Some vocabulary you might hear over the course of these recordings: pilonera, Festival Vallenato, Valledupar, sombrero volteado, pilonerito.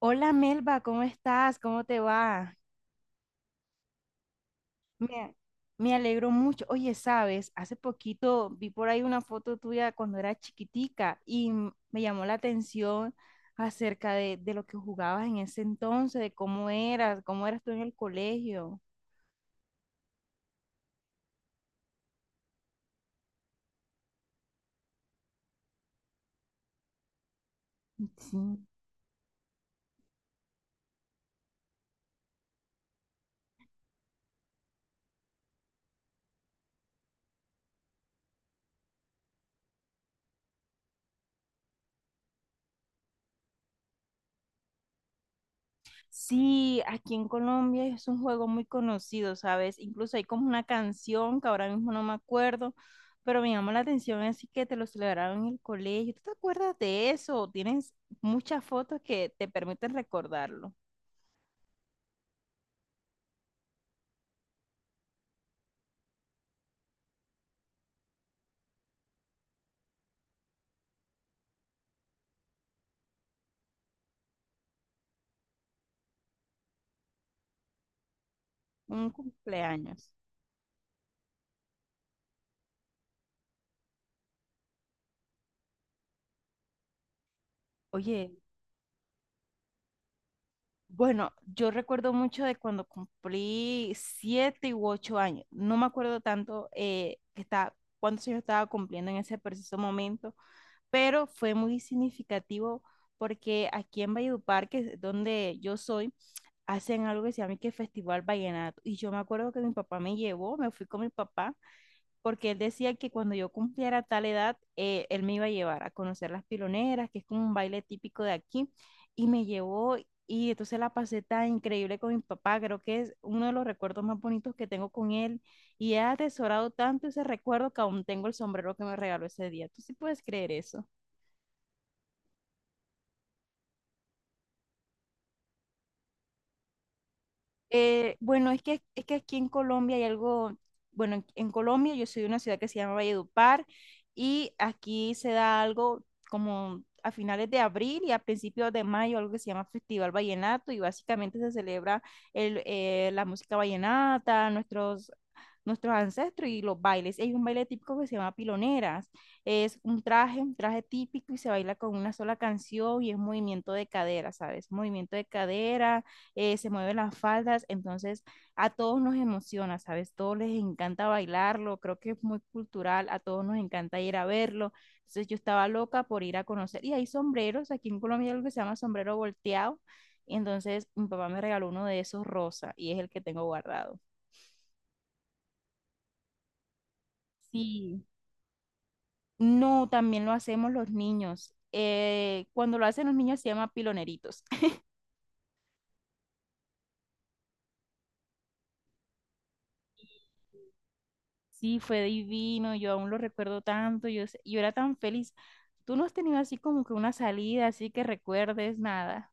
Hola Melba, ¿cómo estás? ¿Cómo te va? Me, me alegro mucho. Oye, sabes, hace poquito vi por ahí una foto tuya cuando era chiquitica y me llamó la atención acerca de lo que jugabas en ese entonces, de cómo eras tú en el colegio. Sí. Sí, aquí en Colombia es un juego muy conocido, ¿sabes? Incluso hay como una canción que ahora mismo no me acuerdo, pero me llamó la atención, así que te lo celebraron en el colegio. ¿Tú te acuerdas de eso? Tienes muchas fotos que te permiten recordarlo. Un cumpleaños. Oye, bueno, yo recuerdo mucho de cuando cumplí siete u 8 años. No me acuerdo tanto que cuántos años estaba cumpliendo en ese preciso momento, pero fue muy significativo porque aquí en Valledupar, que es donde yo soy, hacen algo que se llama que Festival Vallenato. Y yo me acuerdo que mi papá me llevó, me fui con mi papá, porque él decía que cuando yo cumpliera tal edad, él me iba a llevar a conocer las piloneras, que es como un baile típico de aquí, y me llevó. Y entonces la pasé tan increíble con mi papá, creo que es uno de los recuerdos más bonitos que tengo con él. Y he atesorado tanto ese recuerdo que aún tengo el sombrero que me regaló ese día. ¿Tú sí puedes creer eso? Bueno, es es que aquí en Colombia hay algo, bueno, en Colombia yo soy de una ciudad que se llama Valledupar y aquí se da algo como a finales de abril y a principios de mayo, algo que se llama Festival Vallenato y básicamente se celebra la música vallenata, nuestros ancestros y los bailes. Hay un baile típico que se llama piloneras. Es un traje típico y se baila con una sola canción y es movimiento de cadera, ¿sabes? Movimiento de cadera, se mueven las faldas, entonces a todos nos emociona, ¿sabes? Todos les encanta bailarlo, creo que es muy cultural, a todos nos encanta ir a verlo. Entonces yo estaba loca por ir a conocer. Y hay sombreros, aquí en Colombia hay algo que se llama sombrero volteado. Entonces mi papá me regaló uno de esos rosa y es el que tengo guardado. Sí. No, también lo hacemos los niños. Cuando lo hacen los niños se llama piloneritos. Sí, fue divino, yo aún lo recuerdo tanto, yo era tan feliz. ¿Tú no has tenido así como que una salida, así que recuerdes nada?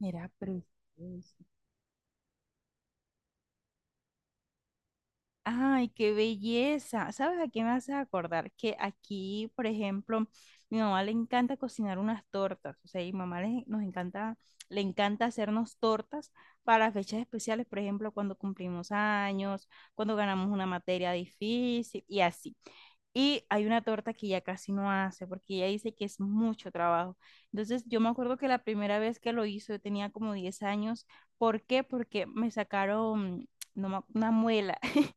Era precioso. Ay, qué belleza. ¿Sabes a qué me hace acordar? Que aquí, por ejemplo, mi mamá le encanta cocinar unas tortas. O sea, nos encanta, le encanta hacernos tortas para fechas especiales, por ejemplo, cuando cumplimos años, cuando ganamos una materia difícil y así. Y hay una torta que ya casi no hace porque ella dice que es mucho trabajo. Entonces, yo me acuerdo que la primera vez que lo hizo, yo tenía como 10 años. ¿Por qué? Porque me sacaron no me ac- una muela.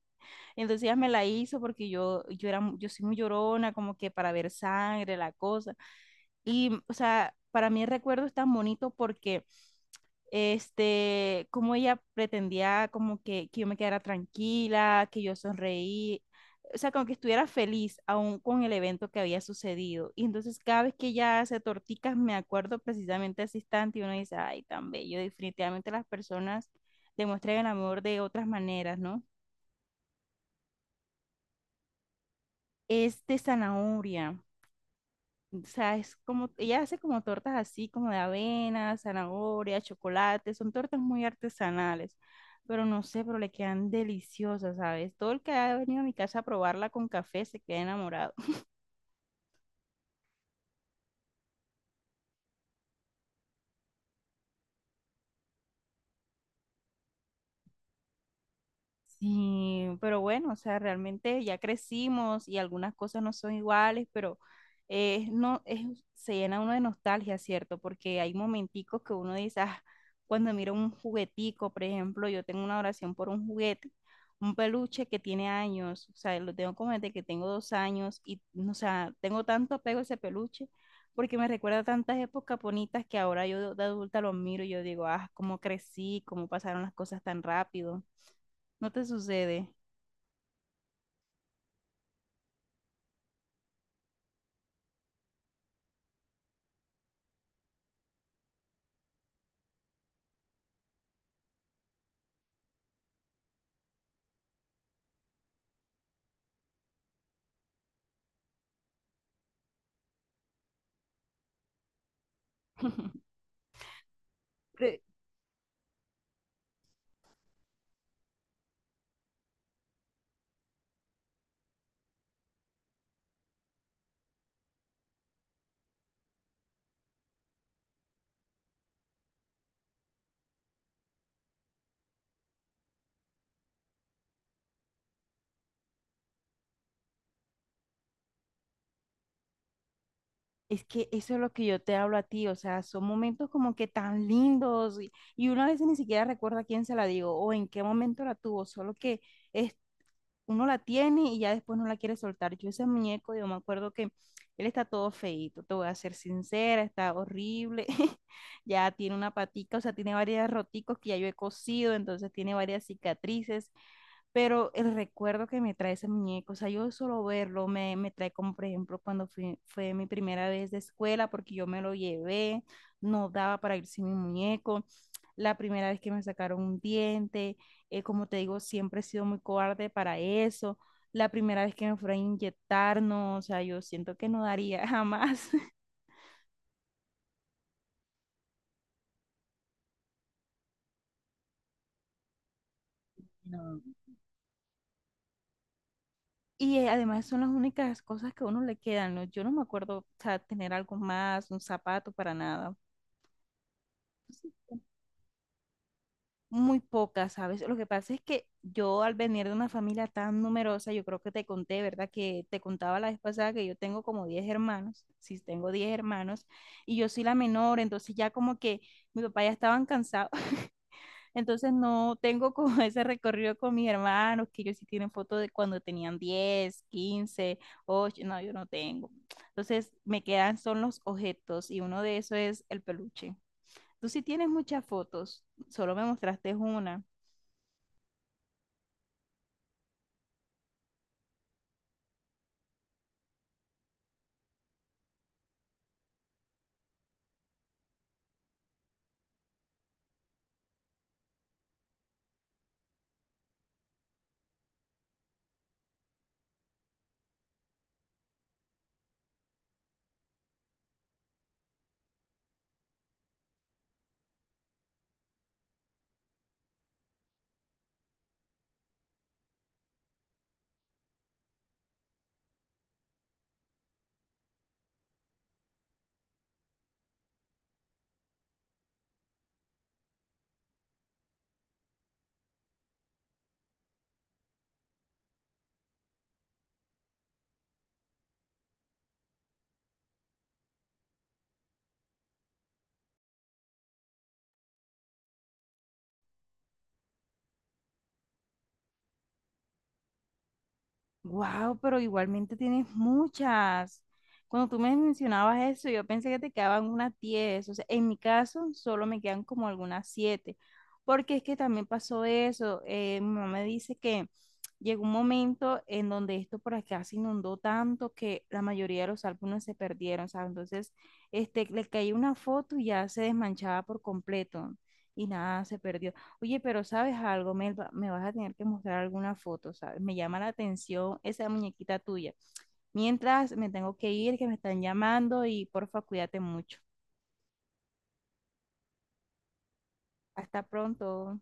Entonces ella me la hizo porque yo yo soy muy llorona, como que para ver sangre, la cosa. Y, o sea, para mí el recuerdo es tan bonito porque, este, como ella pretendía como que yo me quedara tranquila, que yo sonreí, o sea, como que estuviera feliz aún con el evento que había sucedido. Y entonces cada vez que ella hace torticas, me acuerdo precisamente de ese instante y uno dice, ay, tan bello, definitivamente las personas demuestran el amor de otras maneras, ¿no? Es de zanahoria. O sea, es como, ella hace como tortas así, como de avena, zanahoria, chocolate, son tortas muy artesanales, pero no sé, pero le quedan deliciosas, ¿sabes? Todo el que ha venido a mi casa a probarla con café se queda enamorado. Sí, pero bueno, o sea, realmente ya crecimos y algunas cosas no son iguales, pero no, es, se llena uno de nostalgia, ¿cierto? Porque hay momenticos que uno dice, ah, cuando miro un juguetico, por ejemplo, yo tengo una oración por un juguete, un peluche que tiene años, o sea, lo tengo como desde que tengo 2 años y, o sea, tengo tanto apego a ese peluche porque me recuerda tantas épocas bonitas que ahora yo de adulta lo miro y yo digo, ah, cómo crecí, cómo pasaron las cosas tan rápido. No te sucede. Pero es que eso es lo que yo te hablo a ti, o sea, son momentos como que tan lindos y uno a veces ni siquiera recuerda a quién se la digo o en qué momento la tuvo, solo que es, uno la tiene y ya después no la quiere soltar. Yo ese muñeco, yo me acuerdo que él está todo feíto, te voy a ser sincera, está horrible, ya tiene una patica, o sea, tiene varias roticos que ya yo he cosido, entonces tiene varias cicatrices, pero el recuerdo que me trae ese muñeco, o sea, yo solo verlo me trae como, por ejemplo, cuando fue mi primera vez de escuela, porque yo me lo llevé, no daba para ir sin mi muñeco, la primera vez que me sacaron un diente, como te digo, siempre he sido muy cobarde para eso, la primera vez que me fueron a inyectar, no, o sea, yo siento que no daría jamás. No. Y además son las únicas cosas que a uno le quedan, ¿no? Yo no me acuerdo, o sea, tener algo más, un zapato para nada. Muy pocas, ¿sabes? Lo que pasa es que yo al venir de una familia tan numerosa, yo creo que te conté, ¿verdad? Que te contaba la vez pasada que yo tengo como 10 hermanos, sí, tengo 10 hermanos, y yo soy la menor, entonces ya como que mi papá ya estaban cansados, entonces no tengo como ese recorrido con mis hermanos, que ellos sí tienen fotos de cuando tenían 10, 15, 8, no, yo no tengo. Entonces me quedan son los objetos y uno de esos es el peluche. Tú sí tienes muchas fotos, solo me mostraste una. Wow, pero igualmente tienes muchas. Cuando tú me mencionabas eso, yo pensé que te quedaban unas 10. O sea, en mi caso solo me quedan como algunas 7, porque es que también pasó eso. Mi mamá me dice que llegó un momento en donde esto por acá se inundó tanto que la mayoría de los álbumes se perdieron, ¿sabes? Entonces, este, le caía una foto y ya se desmanchaba por completo y nada, se perdió. Oye, pero ¿sabes algo, Melba? Me vas a tener que mostrar alguna foto, ¿sabes? Me llama la atención esa muñequita tuya. Mientras me tengo que ir, que me están llamando y porfa, cuídate mucho. Hasta pronto.